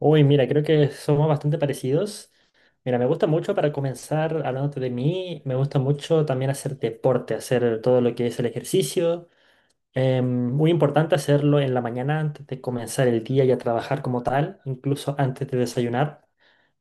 Uy, mira, creo que somos bastante parecidos. Mira, me gusta mucho para comenzar hablándote de mí, me gusta mucho también hacer deporte, hacer todo lo que es el ejercicio. Muy importante hacerlo en la mañana antes de comenzar el día y a trabajar como tal, incluso antes de desayunar.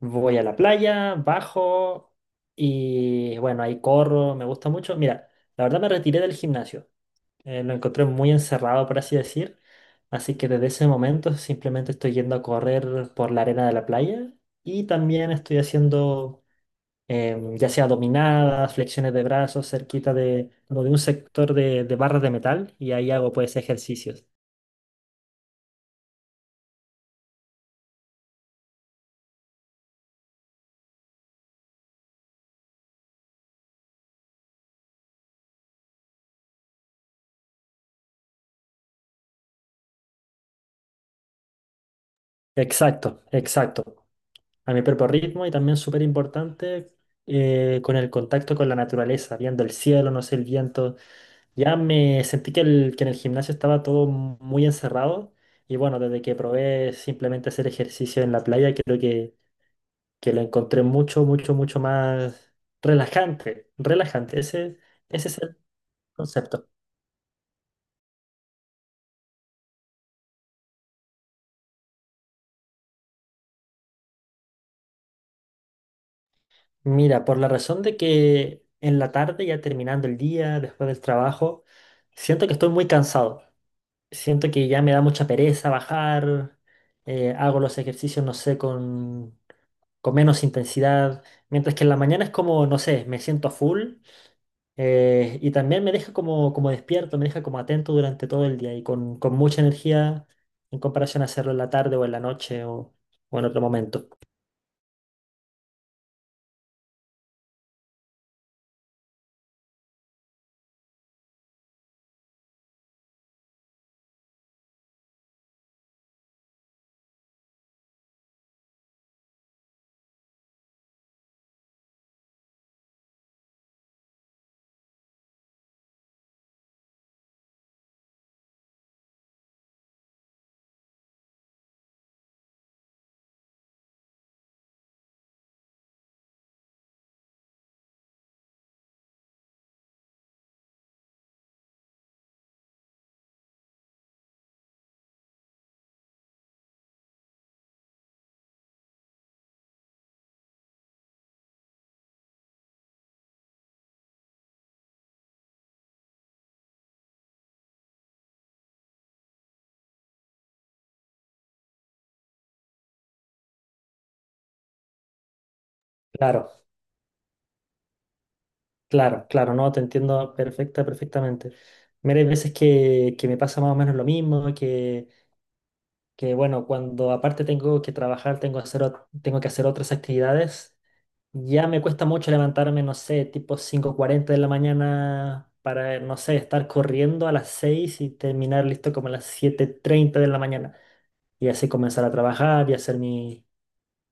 Voy a la playa, bajo y bueno, ahí corro, me gusta mucho. Mira, la verdad me retiré del gimnasio. Lo encontré muy encerrado, por así decir. Así que desde ese momento simplemente estoy yendo a correr por la arena de la playa y también estoy haciendo ya sea dominadas, flexiones de brazos cerquita de, como de un sector de, barras de metal y ahí hago pues ejercicios. Exacto, exacto. A mi propio ritmo y también súper importante, con el contacto con la naturaleza, viendo el cielo, no sé, el viento. Ya me sentí que, que en el gimnasio estaba todo muy encerrado y bueno, desde que probé simplemente hacer ejercicio en la playa, creo que lo encontré mucho, mucho, mucho más relajante, relajante, ese es el concepto. Mira, por la razón de que en la tarde, ya terminando el día, después del trabajo, siento que estoy muy cansado, siento que ya me da mucha pereza bajar, hago los ejercicios, no sé, con menos intensidad, mientras que en la mañana es como, no sé, me siento a full, y también me deja como, como despierto, me deja como atento durante todo el día y con mucha energía en comparación a hacerlo en la tarde o en la noche o en otro momento. Claro, claro, claro, no, te entiendo perfectamente. Mira, hay veces que me pasa más o menos lo mismo, que bueno, cuando aparte tengo que trabajar, tengo que hacer otras actividades. Ya me cuesta mucho levantarme, no sé, tipo 5:40 de la mañana para, no sé, estar corriendo a las 6 y terminar listo como a las 7:30 de la mañana. Y así comenzar a trabajar y hacer mi,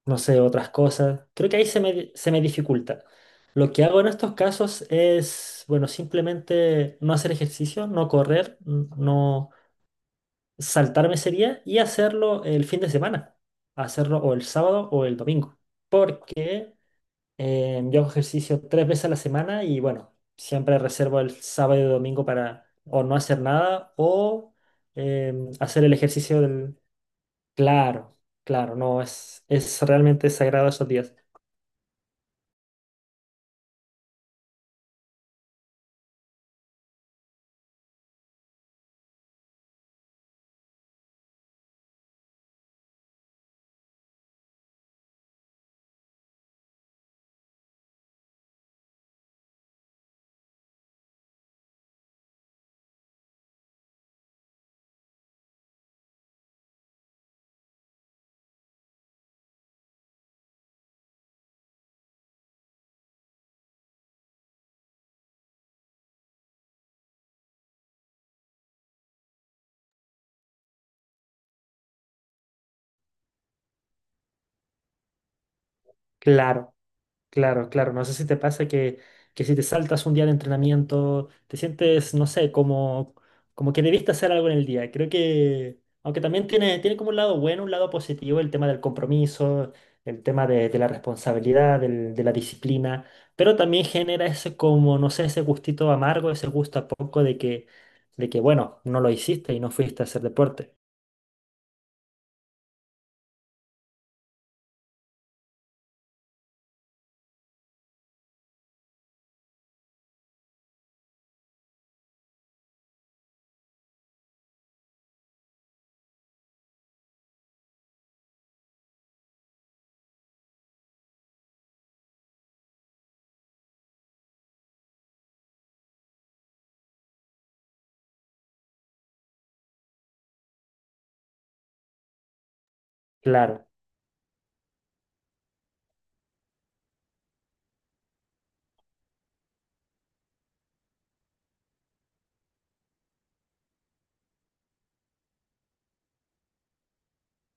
no sé, otras cosas. Creo que ahí se me dificulta. Lo que hago en estos casos es, bueno, simplemente no hacer ejercicio, no correr, no saltarme sería y hacerlo el fin de semana. Hacerlo o el sábado o el domingo. Porque yo hago ejercicio 3 veces a la semana y bueno, siempre reservo el sábado y domingo para o no hacer nada o hacer el ejercicio del... Claro, claro, no, es realmente sagrado esos días. Claro. Claro, claro. No sé si te pasa que si te saltas un día de entrenamiento, te sientes, no sé, como que debiste hacer algo en el día. Creo que, aunque también tiene como un lado bueno, un lado positivo, el tema del compromiso, el tema de la responsabilidad, de la disciplina, pero también genera ese como, no sé, ese gustito amargo, ese gusto a poco de que, bueno, no lo hiciste y no fuiste a hacer deporte. Claro.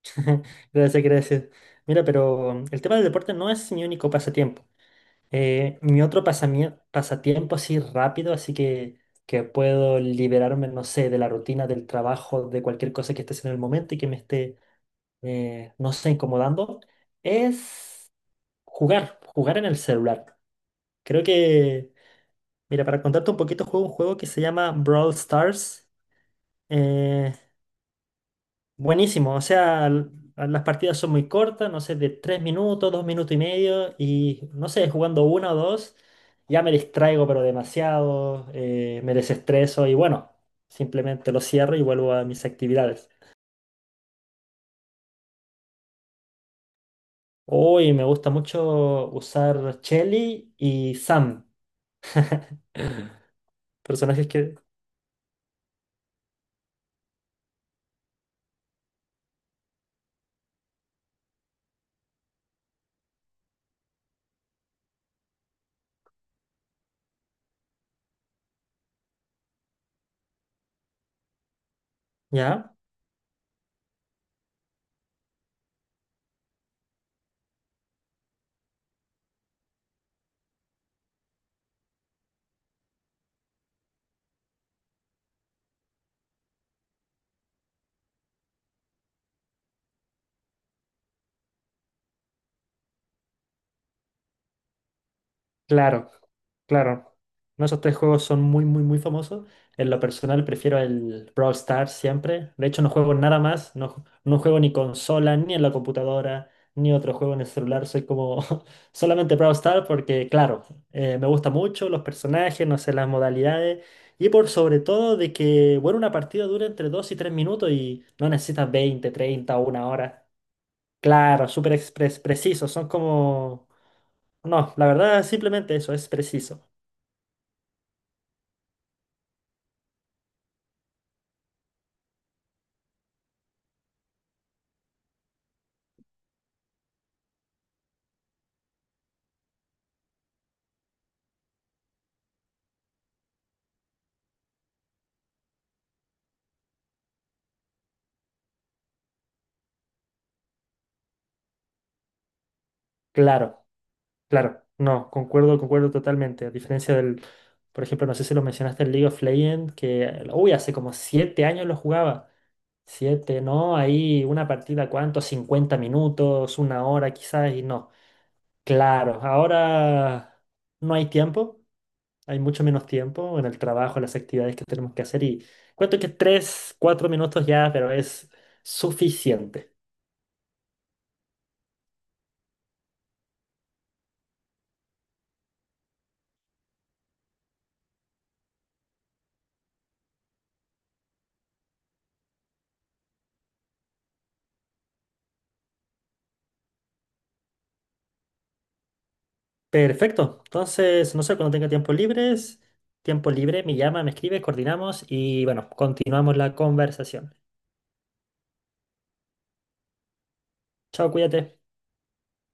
Gracias, gracias. Mira, pero el tema del deporte no es mi único pasatiempo. Mi otro pasatiempo así rápido, así que puedo liberarme, no sé, de la rutina del trabajo, de cualquier cosa que esté haciendo en el momento y que me esté, no sé, incomodando, es jugar en el celular. Creo que, mira, para contarte un poquito, juego un juego que se llama Brawl Stars. eh, Buenísimo, o sea, las partidas son muy cortas, no sé, de 3 minutos, 2 minutos y medio, y no sé, jugando una o dos, ya me distraigo, pero demasiado, me desestreso y bueno, simplemente lo cierro y vuelvo a mis actividades. Hoy me gusta mucho usar Shelly y Sam, personajes que... ¿Ya? Claro, claro. No, esos tres juegos son muy, muy, muy famosos. En lo personal prefiero el Brawl Stars siempre. De hecho, no juego nada más. No, no juego ni consola, ni en la computadora, ni otro juego en el celular. Soy como solamente Brawl Stars porque, claro, me gusta mucho los personajes, no sé, las modalidades. Y por sobre todo de que, bueno, una partida dura entre 2 y 3 minutos y no necesitas 20, 30 o una hora. Claro, súper preciso, son como... No, la verdad simplemente eso, es preciso. Claro, claro, no, concuerdo totalmente. A diferencia del, por ejemplo, no sé si lo mencionaste el League of Legends, que, uy, hace como 7 años lo jugaba. Siete, ¿no? Ahí una partida, ¿cuánto? 50 minutos, una hora quizás, y no. Claro, ahora no hay tiempo. Hay mucho menos tiempo en el trabajo, en las actividades que tenemos que hacer y cuento que 3, 4 minutos ya, pero es suficiente. Perfecto. Entonces, no sé, cuando tenga tiempo libres, tiempo libre, me llama, me escribe, coordinamos y bueno, continuamos la conversación. Chao, cuídate.